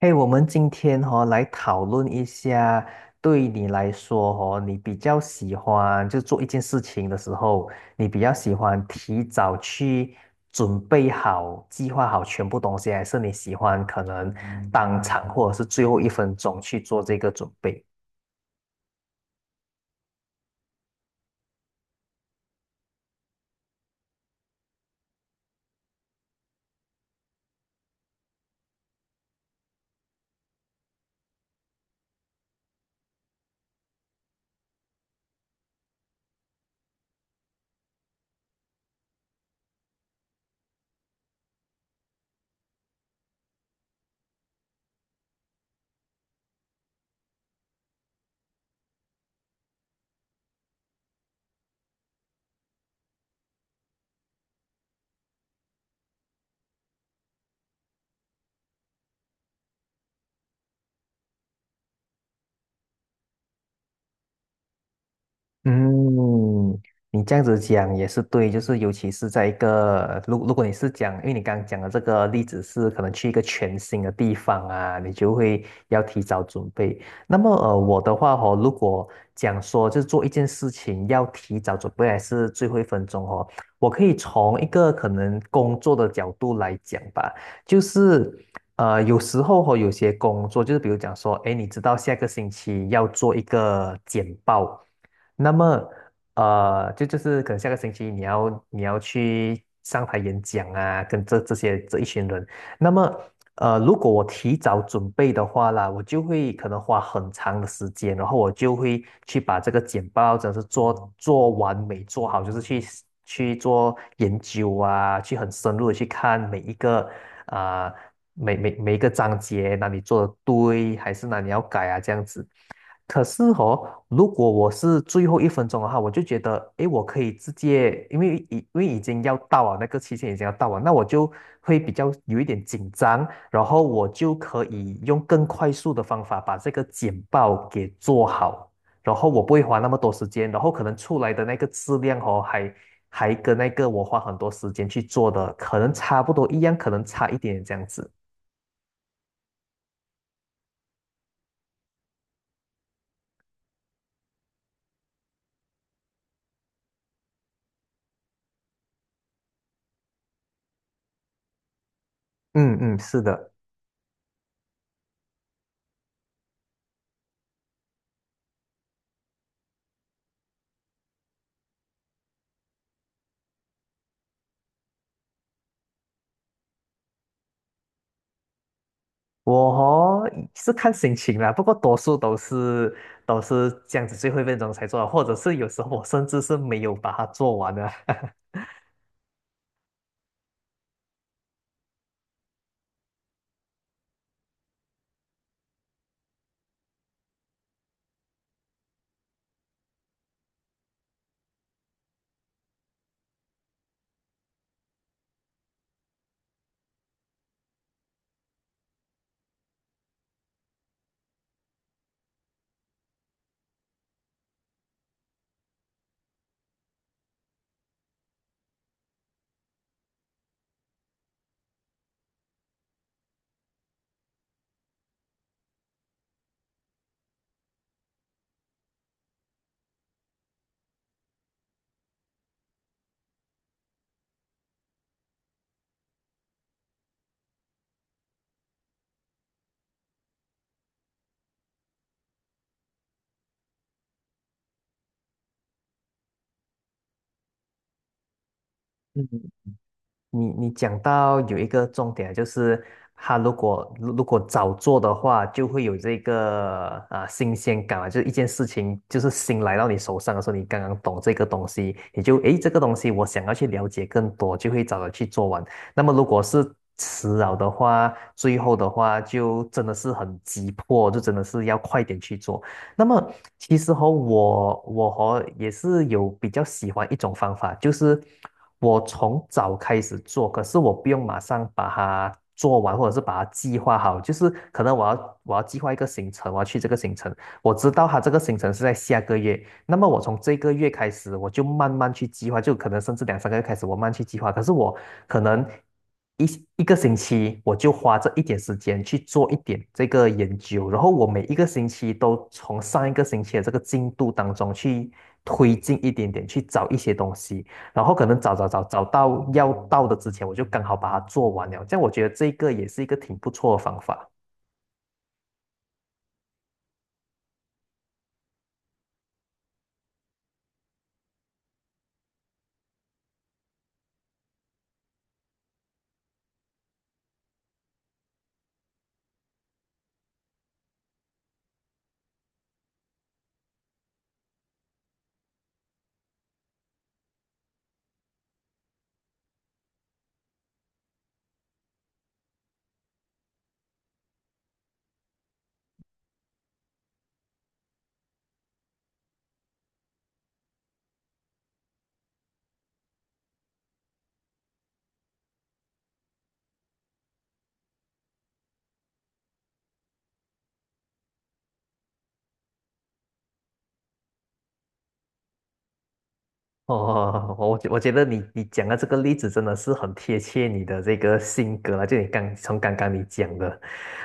嘿，我们今天来讨论一下，对你来说哦，你比较喜欢就做一件事情的时候，你比较喜欢提早去准备好、计划好全部东西，还是你喜欢可能当场或者是最后一分钟去做这个准备？嗯，你这样子讲也是对，就是尤其是在一个，如果你是讲，因为你刚刚讲的这个例子是可能去一个全新的地方啊，你就会要提早准备。那么我的话哦，如果讲说就是做一件事情要提早准备，还是最后一分钟哦，我可以从一个可能工作的角度来讲吧，就是有时候哦，有些工作就是比如讲说，哎，你知道下个星期要做一个简报。那么，就是可能下个星期你要去上台演讲啊，跟这些这一群人。那么，如果我提早准备的话啦，我就会可能花很长的时间，然后我就会去把这个简报真的是做完美做好，就是去做研究啊，去很深入的去看啊、每一个章节哪里做的对，还是哪里要改啊这样子。可是哦，如果我是最后一分钟的话，我就觉得，诶，我可以直接，因为已经要到了，那个期限已经要到了，那我就会比较有一点紧张，然后我就可以用更快速的方法把这个简报给做好，然后我不会花那么多时间，然后可能出来的那个质量哦，还跟那个我花很多时间去做的，可能差不多一样，可能差一点这样子。嗯嗯，是的。我哦是看心情啦，不过多数都是这样子最后一分钟才做的或者是有时候我甚至是没有把它做完的。你你讲到有一个重点，就是他如果早做的话，就会有这个新鲜感啊，就是一件事情就是新来到你手上的时候，你刚刚懂这个东西，你就诶这个东西我想要去了解更多，就会早早去做完。那么如果是迟了的话，最后的话就真的是很急迫，就真的是要快点去做。那么其实我也是有比较喜欢一种方法，就是我从早开始做，可是我不用马上把它做完，或者是把它计划好。就是可能我要计划一个行程，我要去这个行程，我知道它这个行程是在下个月，那么我从这个月开始，我就慢慢去计划，就可能甚至两三个月开始，我慢慢去计划。可是我可能一个星期我就花这一点时间去做一点这个研究，然后我每一个星期都从上一个星期的这个进度当中去推进一点点，去找一些东西，然后可能找到要到的之前，我就刚好把它做完了。这样我觉得这个也是一个挺不错的方法。哦，我觉得你讲的这个例子真的是很贴切你的这个性格啊，就你刚刚你讲的，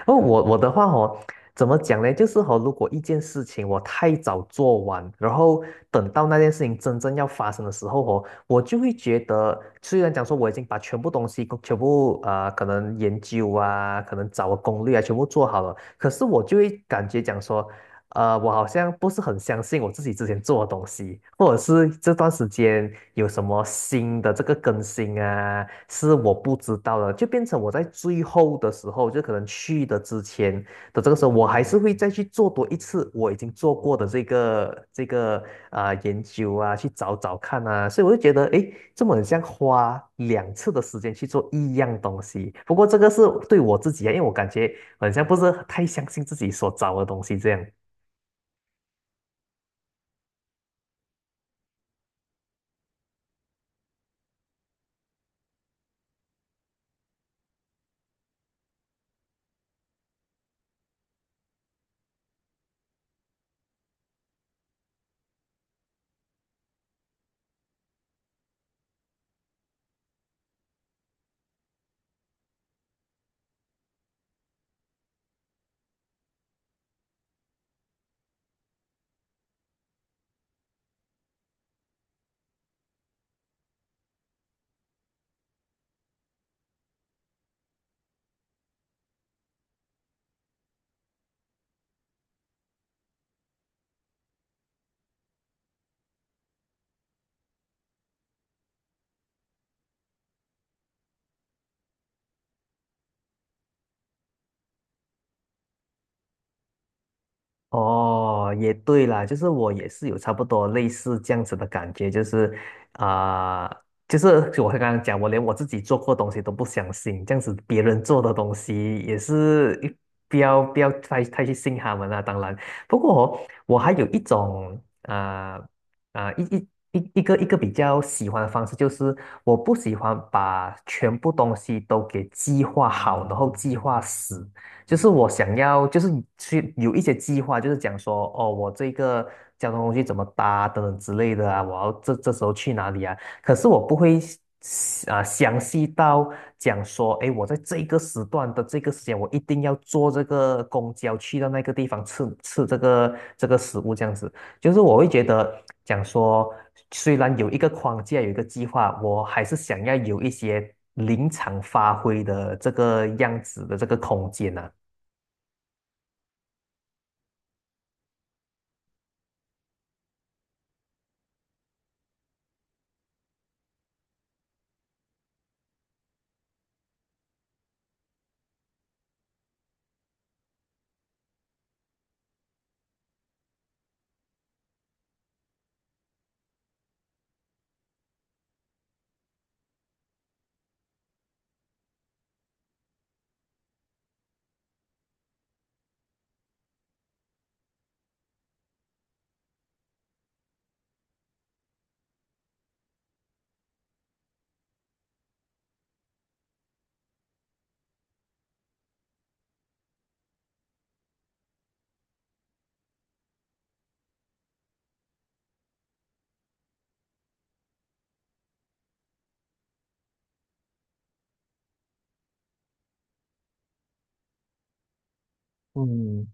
哦，我的话哦，怎么讲呢？就是哦，如果一件事情我太早做完，然后等到那件事情真正要发生的时候哦，我就会觉得，虽然讲说我已经把全部东西全部啊，可能研究啊，可能找个攻略啊，全部做好了，可是我就会感觉讲说。我好像不是很相信我自己之前做的东西，或者是这段时间有什么新的这个更新啊，是我不知道的，就变成我在最后的时候，就可能去的之前的这个时候，我还是会再去做多一次我已经做过的这个研究啊，去找找看啊，所以我就觉得，诶，这么很像花两次的时间去做一样东西。不过这个是对我自己啊，因为我感觉很像不是太相信自己所找的东西这样。哦，也对啦，就是我也是有差不多类似这样子的感觉，就是啊、就是 我刚刚讲，我连我自己做过的东西都不相信，这样子别人做的东西也是一不要不要太太去信他们啦。当然，不过哦我还有一种啊啊、一一一一个一个比较喜欢的方式，就是我不喜欢把全部东西都给计划好，然后计划死。就是我想要，就是去有一些计划，就是讲说，哦，我这个交通工具怎么搭等等之类的啊，我要这时候去哪里啊？可是我不会详细到讲说，诶，我在这个时段的这个时间，我一定要坐这个公交去到那个地方吃这个食物这样子。就是我会觉得讲说，虽然有一个框架，有一个计划，我还是想要有一些临场发挥的这个样子的这个空间呢。嗯，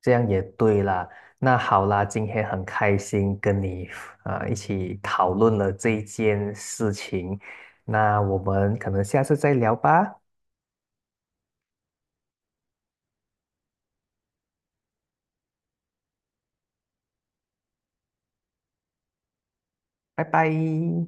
这样也对啦。那好啦，今天很开心跟你一起讨论了这一件事情。那我们可能下次再聊吧，拜拜。